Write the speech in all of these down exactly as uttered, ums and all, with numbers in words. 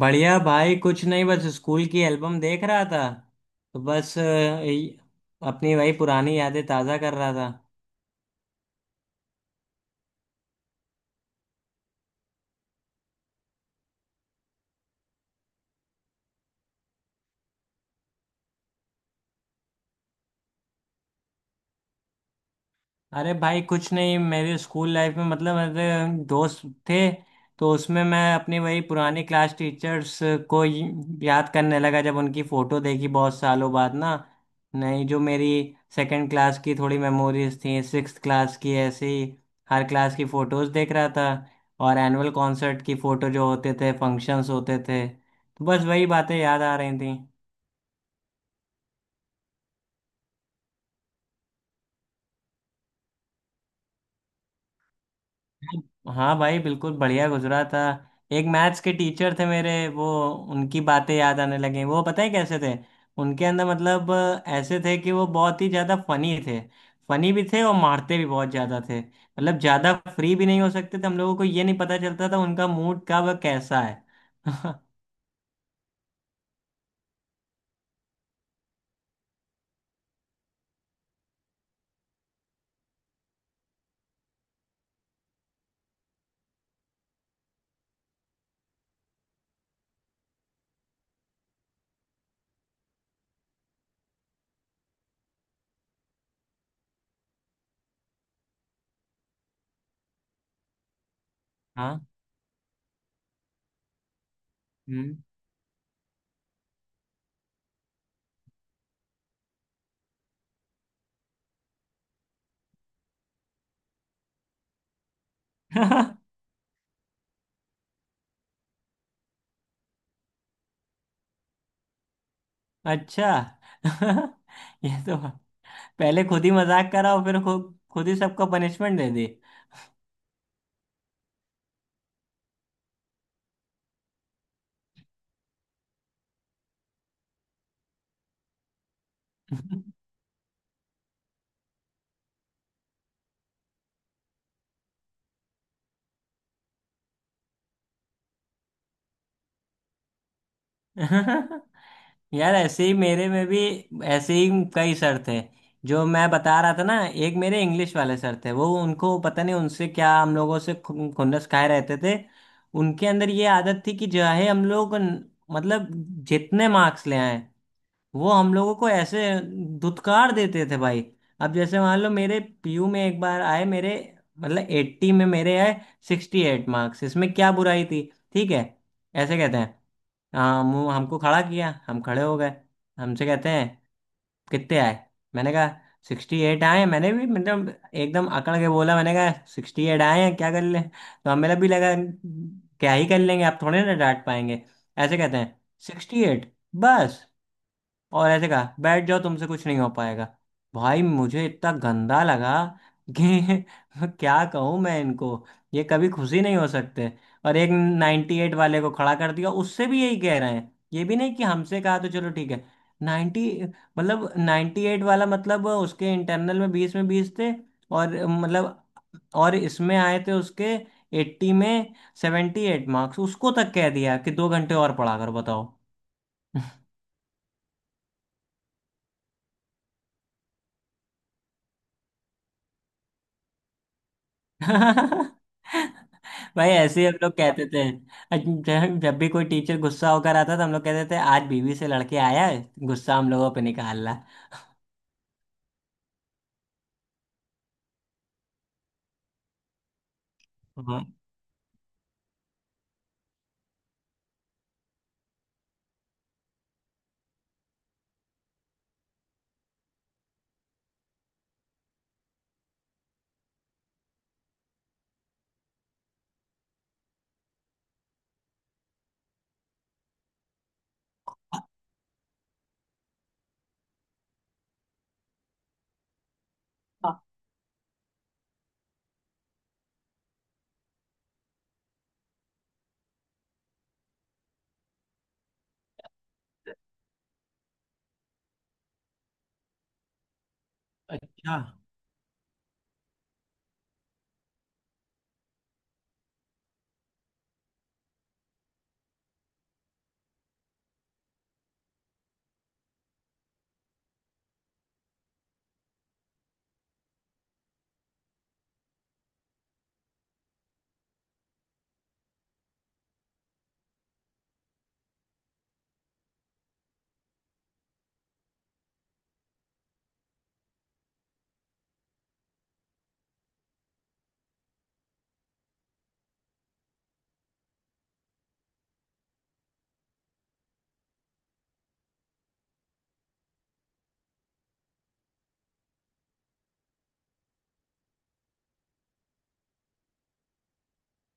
बढ़िया भाई। कुछ नहीं, बस स्कूल की एल्बम देख रहा था। तो बस अ, ये- अपनी वही पुरानी यादें ताज़ा कर रहा था। अरे भाई कुछ नहीं, मेरे स्कूल लाइफ में मतलब मेरे दोस्त थे, तो उसमें मैं अपनी वही पुरानी क्लास टीचर्स को ही याद करने लगा जब उनकी फ़ोटो देखी बहुत सालों बाद ना। नहीं, जो मेरी सेकंड क्लास की थोड़ी मेमोरीज थी, सिक्स्थ क्लास की, ऐसे ही हर क्लास की फ़ोटोज़ देख रहा था। और एनुअल कॉन्सर्ट की फ़ोटो जो होते थे, फंक्शंस होते थे, तो बस वही बातें याद आ रही थी। हाँ भाई, बिल्कुल बढ़िया गुजरा था। एक मैथ्स के टीचर थे मेरे, वो उनकी बातें याद आने लगी। वो पता है कैसे थे? उनके अंदर मतलब अ, ऐसे थे कि वो बहुत ही ज़्यादा फनी थे। फनी भी थे और मारते भी बहुत ज़्यादा थे, मतलब ज़्यादा फ्री भी नहीं हो सकते थे, हम लोगों को ये नहीं पता चलता था उनका मूड कब और कैसा है। हाँ। हम्म। अच्छा। ये तो पहले खुद ही मजाक करा और फिर खु- खुद ही सबको पनिशमेंट दे दी। यार, ऐसे ही मेरे में भी, ऐसे ही कई सर थे। जो मैं बता रहा था ना, एक मेरे इंग्लिश वाले सर थे, वो उनको पता नहीं उनसे क्या, हम लोगों से खु- खुन्नस खाए रहते थे। उनके अंदर ये आदत थी कि चाहे हम लोग न- मतलब जितने मार्क्स ले आए, वो हम लोगों को ऐसे धुतकार देते थे भाई। अब जैसे मान लो, मेरे पीयू में एक बार आए मेरे, मतलब एट्टी में मेरे आए सिक्सटी एट मार्क्स। इसमें क्या बुराई थी? ठीक है, ऐसे कहते हैं, हाँ, मु- हमको खड़ा किया, हम खड़े हो गए। हमसे कहते हैं, कितने आए? मैंने कहा, सिक्सटी एट आए हैं। मैंने भी मतलब एकदम अकड़ के बोला, मैंने कहा सिक्सटी एट आए हैं, क्या कर ले? तो हमें भी लगा क्या ही कर लेंगे, आप थोड़े ना डांट पाएंगे। ऐसे कहते हैं, सिक्सटी एट, बस? और ऐसे कहा, बैठ जाओ, तुमसे कुछ नहीं हो पाएगा। भाई मुझे इतना गंदा लगा कि क्या कहूँ मैं इनको? ये कभी खुशी नहीं हो सकते। और एक नाइन्टी एट वाले को खड़ा कर दिया, उससे भी यही कह रहे हैं। ये भी नहीं कि हमसे कहा तो चलो ठीक है, नाइन्टी, मतलब नाइन्टी एट वाला, मतलब उसके इंटरनल में बीस में बीस थे, और मतलब और इसमें आए थे उसके एट्टी में सेवेंटी एट मार्क्स। उसको तक कह दिया कि दो घंटे और पढ़ा कर बताओ। भाई ऐसे ही हम लोग कहते थे। जब जब भी कोई टीचर गुस्सा होकर आता था, हम लोग कहते थे, आज बीवी से लड़के आया है, गुस्सा हम लोगों पे निकालना। हाँ। अच्छा।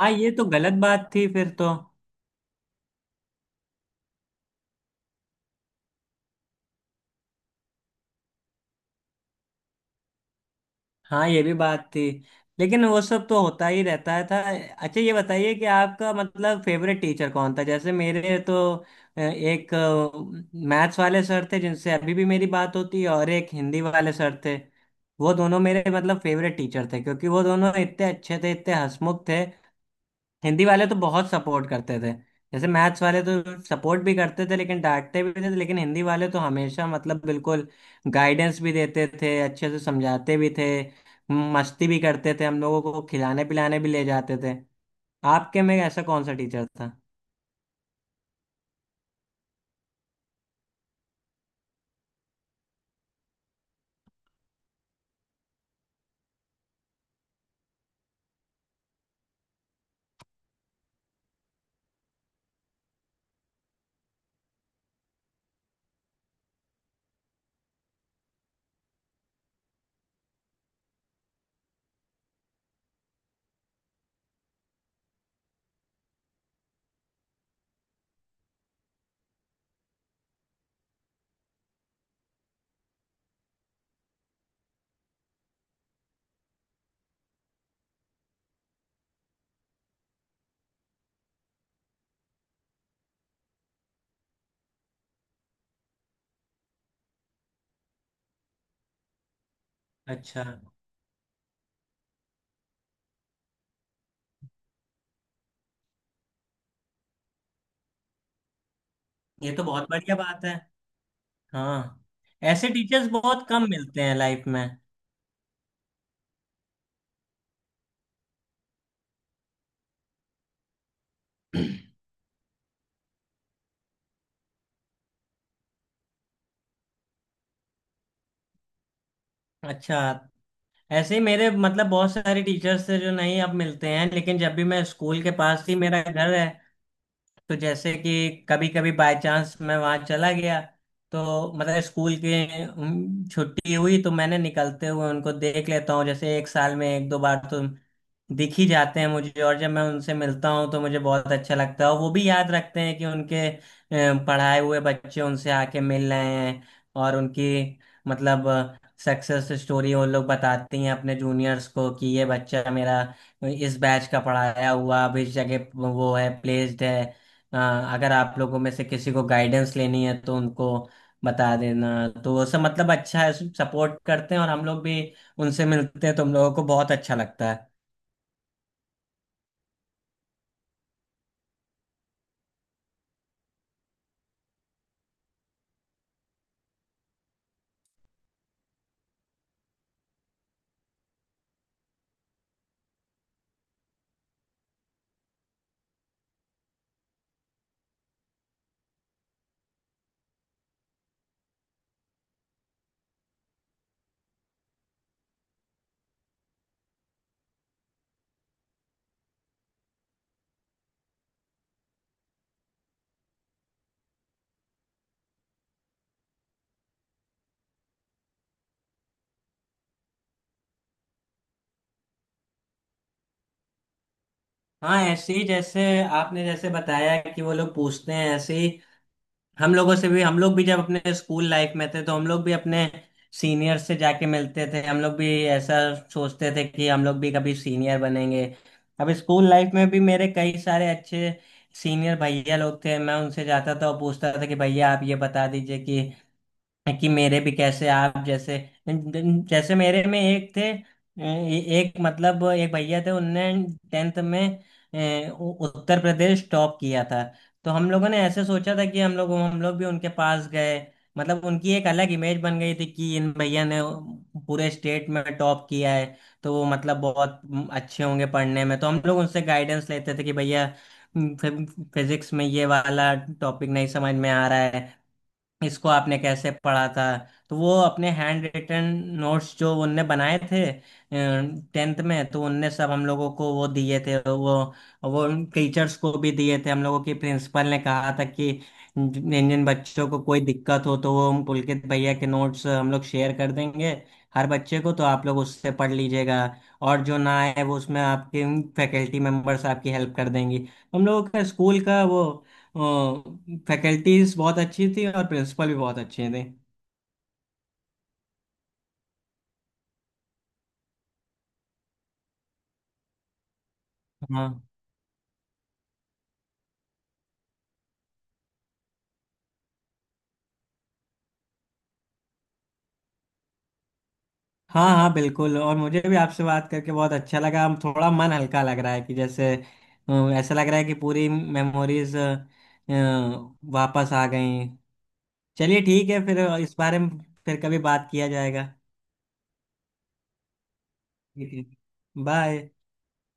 हाँ ये तो गलत बात थी फिर तो। हाँ ये भी बात थी, लेकिन वो सब तो होता ही रहता है था। अच्छा ये बताइए कि आपका मतलब फेवरेट टीचर कौन था? जैसे मेरे तो अ, एक मैथ्स वाले सर थे जिनसे अभी भी मेरी बात होती है, और एक हिंदी वाले सर थे। वो दोनों मेरे मतलब फेवरेट टीचर थे, क्योंकि वो दोनों इतने अच्छे थे, इतने हंसमुख थे। हिंदी वाले तो बहुत सपोर्ट करते थे। जैसे मैथ्स वाले तो सपोर्ट भी करते थे लेकिन डांटते भी थे, लेकिन हिंदी वाले तो हमेशा मतलब बिल्कुल गाइडेंस भी देते थे, अच्छे से समझाते भी थे, मस्ती भी करते थे, हम लोगों को खिलाने पिलाने भी ले जाते थे। आपके में ऐसा कौन सा टीचर था? अच्छा। ये तो बहुत बढ़िया बात है। हाँ, ऐसे टीचर्स बहुत कम मिलते हैं लाइफ में। अच्छा, ऐसे ही मेरे मतलब बहुत सारे टीचर्स थे जो नहीं अब मिलते हैं, लेकिन जब भी मैं, स्कूल के पास ही मेरा घर है, तो जैसे कि कभी कभी बाय चांस मैं वहां चला गया, तो मतलब स्कूल की उम, छुट्टी हुई, तो मैंने निकलते हुए उनको देख लेता हूँ। जैसे एक साल में एक दो बार तो दिख ही जाते हैं मुझे, और जब मैं उनसे मिलता हूँ तो मुझे बहुत अच्छा लगता है, और वो भी याद रखते हैं कि उनके अ, पढ़ाए हुए बच्चे उनसे आके मिल रहे हैं। और उनकी मतलब सक्सेस स्टोरी वो लोग बताती हैं अपने जूनियर्स को कि ये बच्चा मेरा इस बैच का पढ़ाया हुआ, अब इस जगह वो है, प्लेस्ड है। अ, अगर आप लोगों में से किसी को गाइडेंस लेनी है तो उनको बता देना। तो वो सब मतलब अच्छा है, सपोर्ट करते हैं, और हम लोग भी उनसे मिलते हैं तो हम लोगों को बहुत अच्छा लगता है। हाँ, ऐसे ही जैसे आपने जैसे बताया कि वो लोग पूछते हैं, ऐसे ही हम लोगों से भी, हम लोग भी जब अपने स्कूल लाइफ में थे तो हम लोग भी अपने सीनियर से जाके मिलते थे। हम लोग भी ऐसा सोचते थे कि हम लोग भी कभी सीनियर बनेंगे। अब स्कूल लाइफ में भी मेरे कई सारे अच्छे सीनियर भैया लोग थे, मैं उनसे जाता था और पूछता था कि भैया आप ये बता दीजिए कि कि मेरे भी कैसे आप जैसे, जैसे मेरे में एक थे, ए- एक मतलब एक भैया थे, उनने टेंथ में ए, उ- उत्तर प्रदेश टॉप किया था। तो हम लोगों ने ऐसे सोचा था कि हम लोग हम लोग भी उनके पास गए, मतलब उनकी एक अलग इमेज बन गई थी कि इन भैया ने पूरे स्टेट में टॉप किया है, तो वो मतलब बहुत अच्छे होंगे पढ़ने में, तो हम लोग उनसे गाइडेंस लेते थे कि भैया फिजिक्स में ये वाला टॉपिक नहीं समझ में आ रहा है, इसको आपने कैसे पढ़ा था। तो वो अपने हैंड रिटन नोट्स जो उनने बनाए थे टेंथ में, तो उनने सब हम लोगों को वो दिए थे, वो वो टीचर्स को भी दिए थे। हम लोगों की प्रिंसिपल ने कहा था कि जिन जिन बच्चों को कोई दिक्कत हो तो वो हम पुलकित भैया के नोट्स हम लोग शेयर कर देंगे हर बच्चे को, तो आप लोग उससे पढ़ लीजिएगा, और जो ना आए वो उसमें आपके फैकल्टी मेंबर्स आपकी हेल्प कर देंगी। हम लोगों का स्कूल का वो फैकल्टीज बहुत अच्छी थी और प्रिंसिपल भी बहुत अच्छे थे। हाँ। हाँ, हाँ बिल्कुल, और मुझे भी आपसे बात करके बहुत अच्छा लगा। हम थोड़ा मन हल्का लग रहा है कि जैसे अ, ऐसा लग रहा है कि पूरी मेमोरीज वापस आ गई। चलिए ठीक है, फिर इस बारे में फिर कभी बात किया जाएगा। ठीक है, बाय।